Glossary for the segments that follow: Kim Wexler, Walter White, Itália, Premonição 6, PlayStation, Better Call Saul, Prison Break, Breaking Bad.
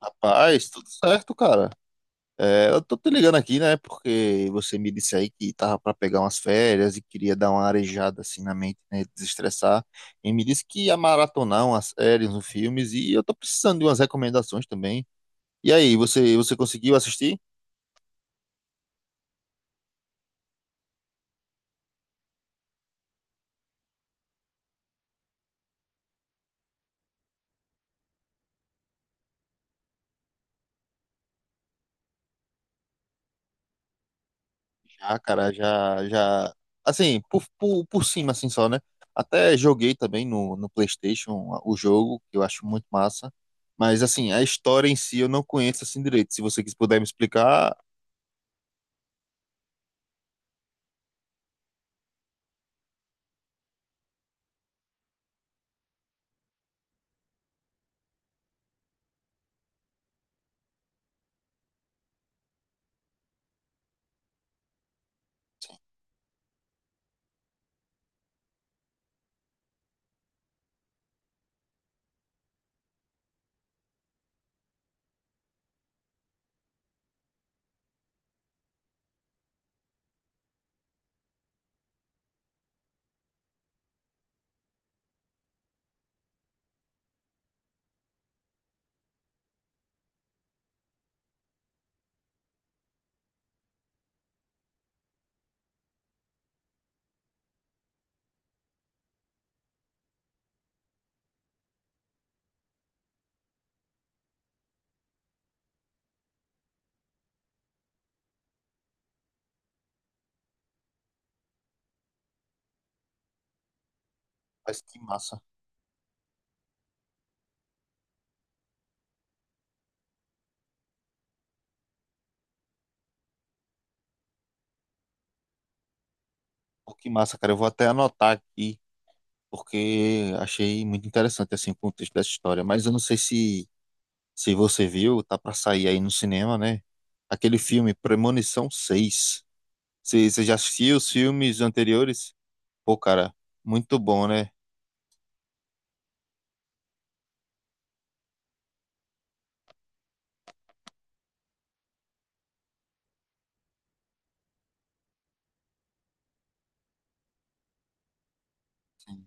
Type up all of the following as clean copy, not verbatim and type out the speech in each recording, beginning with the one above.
Rapaz, tudo certo, cara. É, eu tô te ligando aqui, né? Porque você me disse aí que tava pra pegar umas férias e queria dar uma arejada assim na mente, né? Desestressar. E me disse que ia maratonar umas séries, uns filmes e eu tô precisando de umas recomendações também. E aí, você conseguiu assistir? Já, cara, já assim, por cima assim só, né? Até joguei também no PlayStation o jogo, que eu acho muito massa. Mas assim, a história em si eu não conheço assim direito. Se você quis puder me explicar. Mas que massa. Pô, que massa, cara. Eu vou até anotar aqui, porque achei muito interessante assim, o contexto dessa história. Mas eu não sei se você viu, tá pra sair aí no cinema, né? Aquele filme Premonição 6. Você já assistiu os filmes anteriores? Pô, cara, muito bom, né? Sim.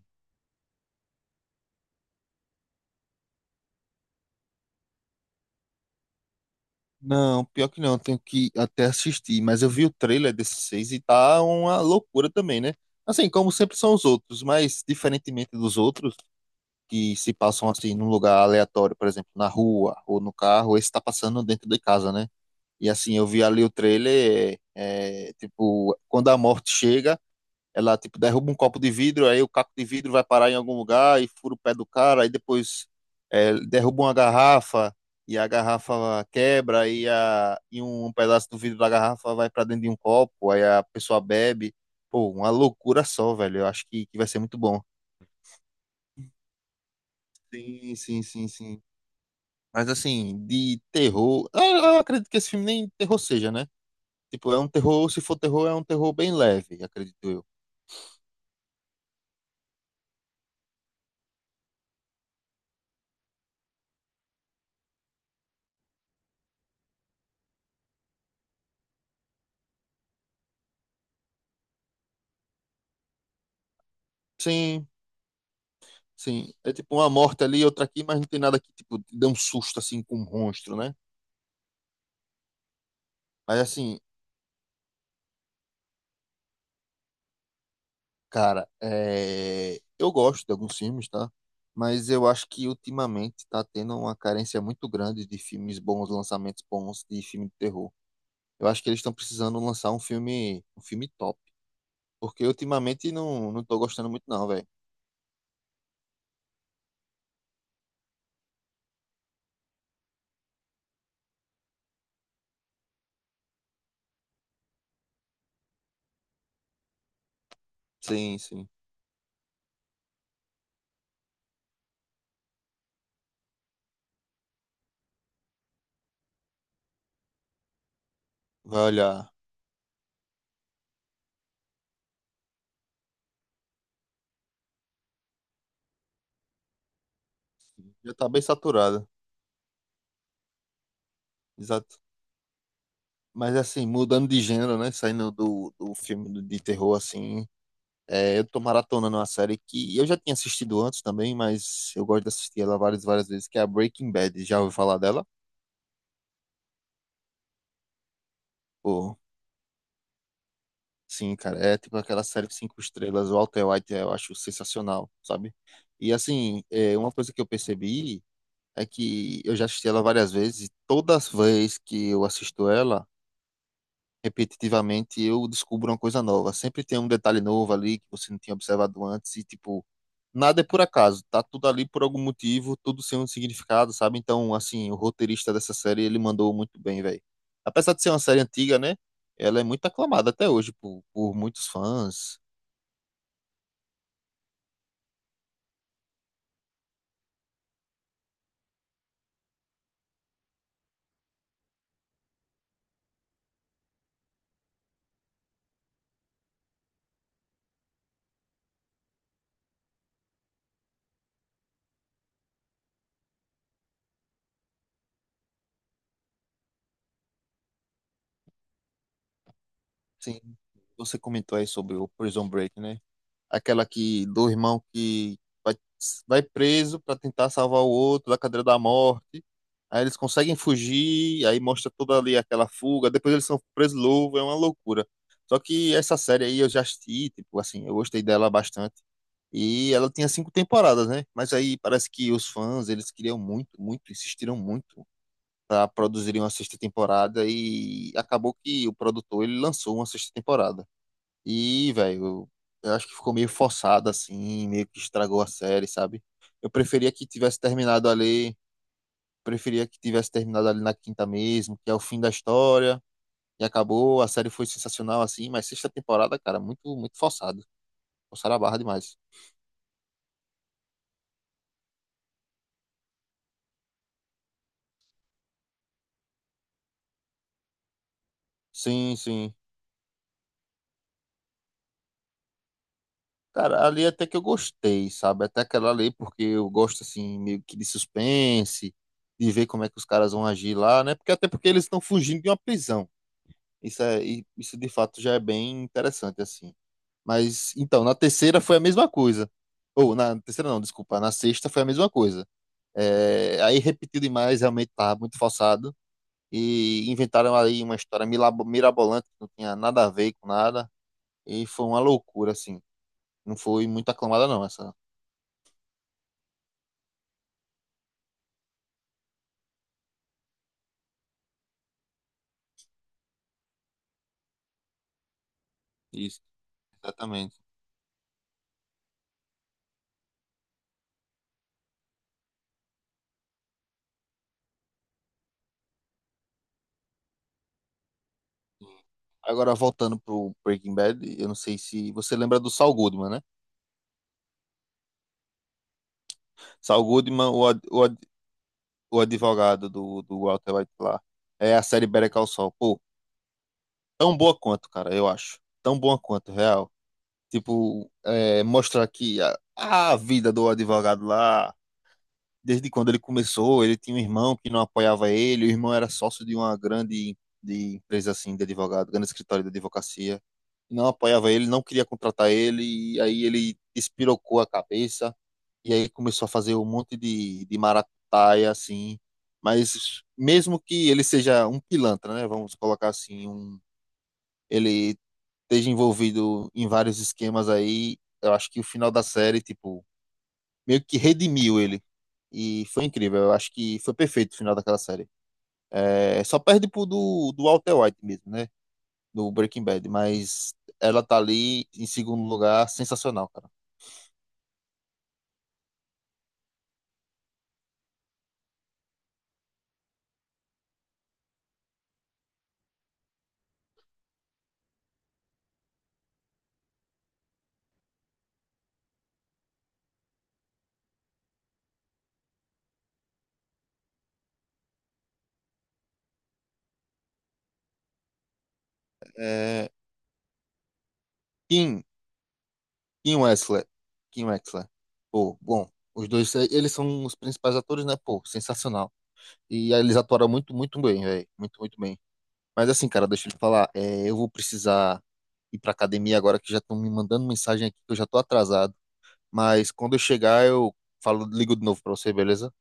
Não, pior que não, eu tenho que até assistir, mas eu vi o trailer desse 6 e tá uma loucura também, né? Assim, como sempre são os outros, mas diferentemente dos outros, que se passam assim num lugar aleatório, por exemplo, na rua ou no carro, esse tá passando dentro de casa, né? E assim, eu vi ali o trailer, tipo, quando a morte chega, ela tipo derruba um copo de vidro, aí o caco de vidro vai parar em algum lugar e fura o pé do cara, aí depois é, derruba uma garrafa e a garrafa quebra e, a, e um pedaço do vidro da garrafa vai para dentro de um copo, aí a pessoa bebe. Pô, uma loucura só, velho. Eu acho que vai ser muito bom. Sim, sim, sim, sim. Mas assim, de terror. Eu acredito que esse filme nem terror seja, né? Tipo, é um terror, se for terror, é um terror bem leve, acredito eu. Sim, sim. É tipo uma morte ali, outra aqui, mas não tem nada que, tipo, te dê um susto assim com um monstro, né? Mas assim, cara, é... eu gosto de alguns filmes, tá? Mas eu acho que ultimamente tá tendo uma carência muito grande de filmes bons, lançamentos bons de filme de terror. Eu acho que eles estão precisando lançar um filme top. Porque ultimamente não tô gostando muito, não, velho. Sim, sim. Vai olhar. Já tá bem saturada. Exato. Mas assim, mudando de gênero, né? Saindo do filme de terror, assim. É, eu tô maratonando uma série que eu já tinha assistido antes também, mas eu gosto de assistir ela várias vezes, que é a Breaking Bad. Já ouviu falar dela? Pô, sim, cara. É tipo aquela série de cinco estrelas. O Walter White eu acho sensacional, sabe? E assim, é, uma coisa que eu percebi é que eu já assisti ela várias vezes e todas as vezes que eu assisto ela repetitivamente, eu descubro uma coisa nova. Sempre tem um detalhe novo ali que você não tinha observado antes e, tipo, nada é por acaso. Tá tudo ali por algum motivo, tudo sem um significado, sabe? Então, assim, o roteirista dessa série, ele mandou muito bem, velho. Apesar de ser uma série antiga, né? Ela é muito aclamada até hoje por muitos fãs. Sim, você comentou aí sobre o Prison Break, né? Aquela que do irmão que vai, vai preso para tentar salvar o outro da cadeira da morte. Aí eles conseguem fugir, aí mostra toda ali aquela fuga, depois eles são presos louvo, é uma loucura. Só que essa série aí eu já assisti, tipo assim, eu gostei dela bastante. E ela tinha cinco temporadas, né? Mas aí parece que os fãs, eles queriam muito, insistiram muito para produzirem uma sexta temporada e acabou que o produtor ele lançou uma sexta temporada. E, velho, eu acho que ficou meio forçado, assim, meio que estragou a série, sabe? Eu preferia que tivesse terminado ali, preferia que tivesse terminado ali na quinta mesmo, que é o fim da história, e acabou, a série foi sensacional, assim, mas sexta temporada, cara, muito forçado. Forçaram a barra demais. Sim, sim. Cara, ali até que eu gostei, sabe? Até aquela ali, porque eu gosto, assim, meio que de suspense, de ver como é que os caras vão agir lá, né? Porque até porque eles estão fugindo de uma prisão. Isso é, e isso de fato já é bem interessante, assim. Mas, então, na terceira foi a mesma coisa. Ou, na terceira não, desculpa, na sexta foi a mesma coisa. É, aí repetiu demais, realmente tava muito forçado. E inventaram aí uma história mirabolante, que não tinha nada a ver com nada. E foi uma loucura, assim. Não foi muito aclamada, não, essa. Isso, exatamente. Agora, voltando pro Breaking Bad, eu não sei se você lembra do Saul Goodman, né? Saul Goodman, o advogado do Walter White lá. É a série Better Call Saul. Pô, tão boa quanto, cara, eu acho. Tão boa quanto, real. Tipo, é, mostrar que a vida do advogado lá, desde quando ele começou, ele tinha um irmão que não apoiava ele, o irmão era sócio de uma grande de empresa assim de advogado, grande escritório de advocacia. Não apoiava ele, não queria contratar ele, e aí ele espirocou a cabeça e aí começou a fazer um monte de maracutaia, assim. Mas mesmo que ele seja um pilantra, né? Vamos colocar assim, um, ele esteja envolvido em vários esquemas aí, eu acho que o final da série, tipo, meio que redimiu ele. E foi incrível, eu acho que foi perfeito o final daquela série. É, só perde pro do Walter White mesmo, né? Do Breaking Bad, mas ela tá ali em segundo lugar, sensacional, cara. É, Kim Kim Wexler. Kim Wexler. Pô, bom, os dois, eles são os principais atores, né? Pô, sensacional. E aí eles atuaram muito bem, velho. Muito bem. Mas assim, cara, deixa eu te falar, eu vou precisar ir pra academia agora que já estão me mandando mensagem aqui que eu já tô atrasado. Mas quando eu chegar, eu falo, ligo de novo pra você, beleza?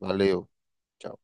Valeu. Tchau.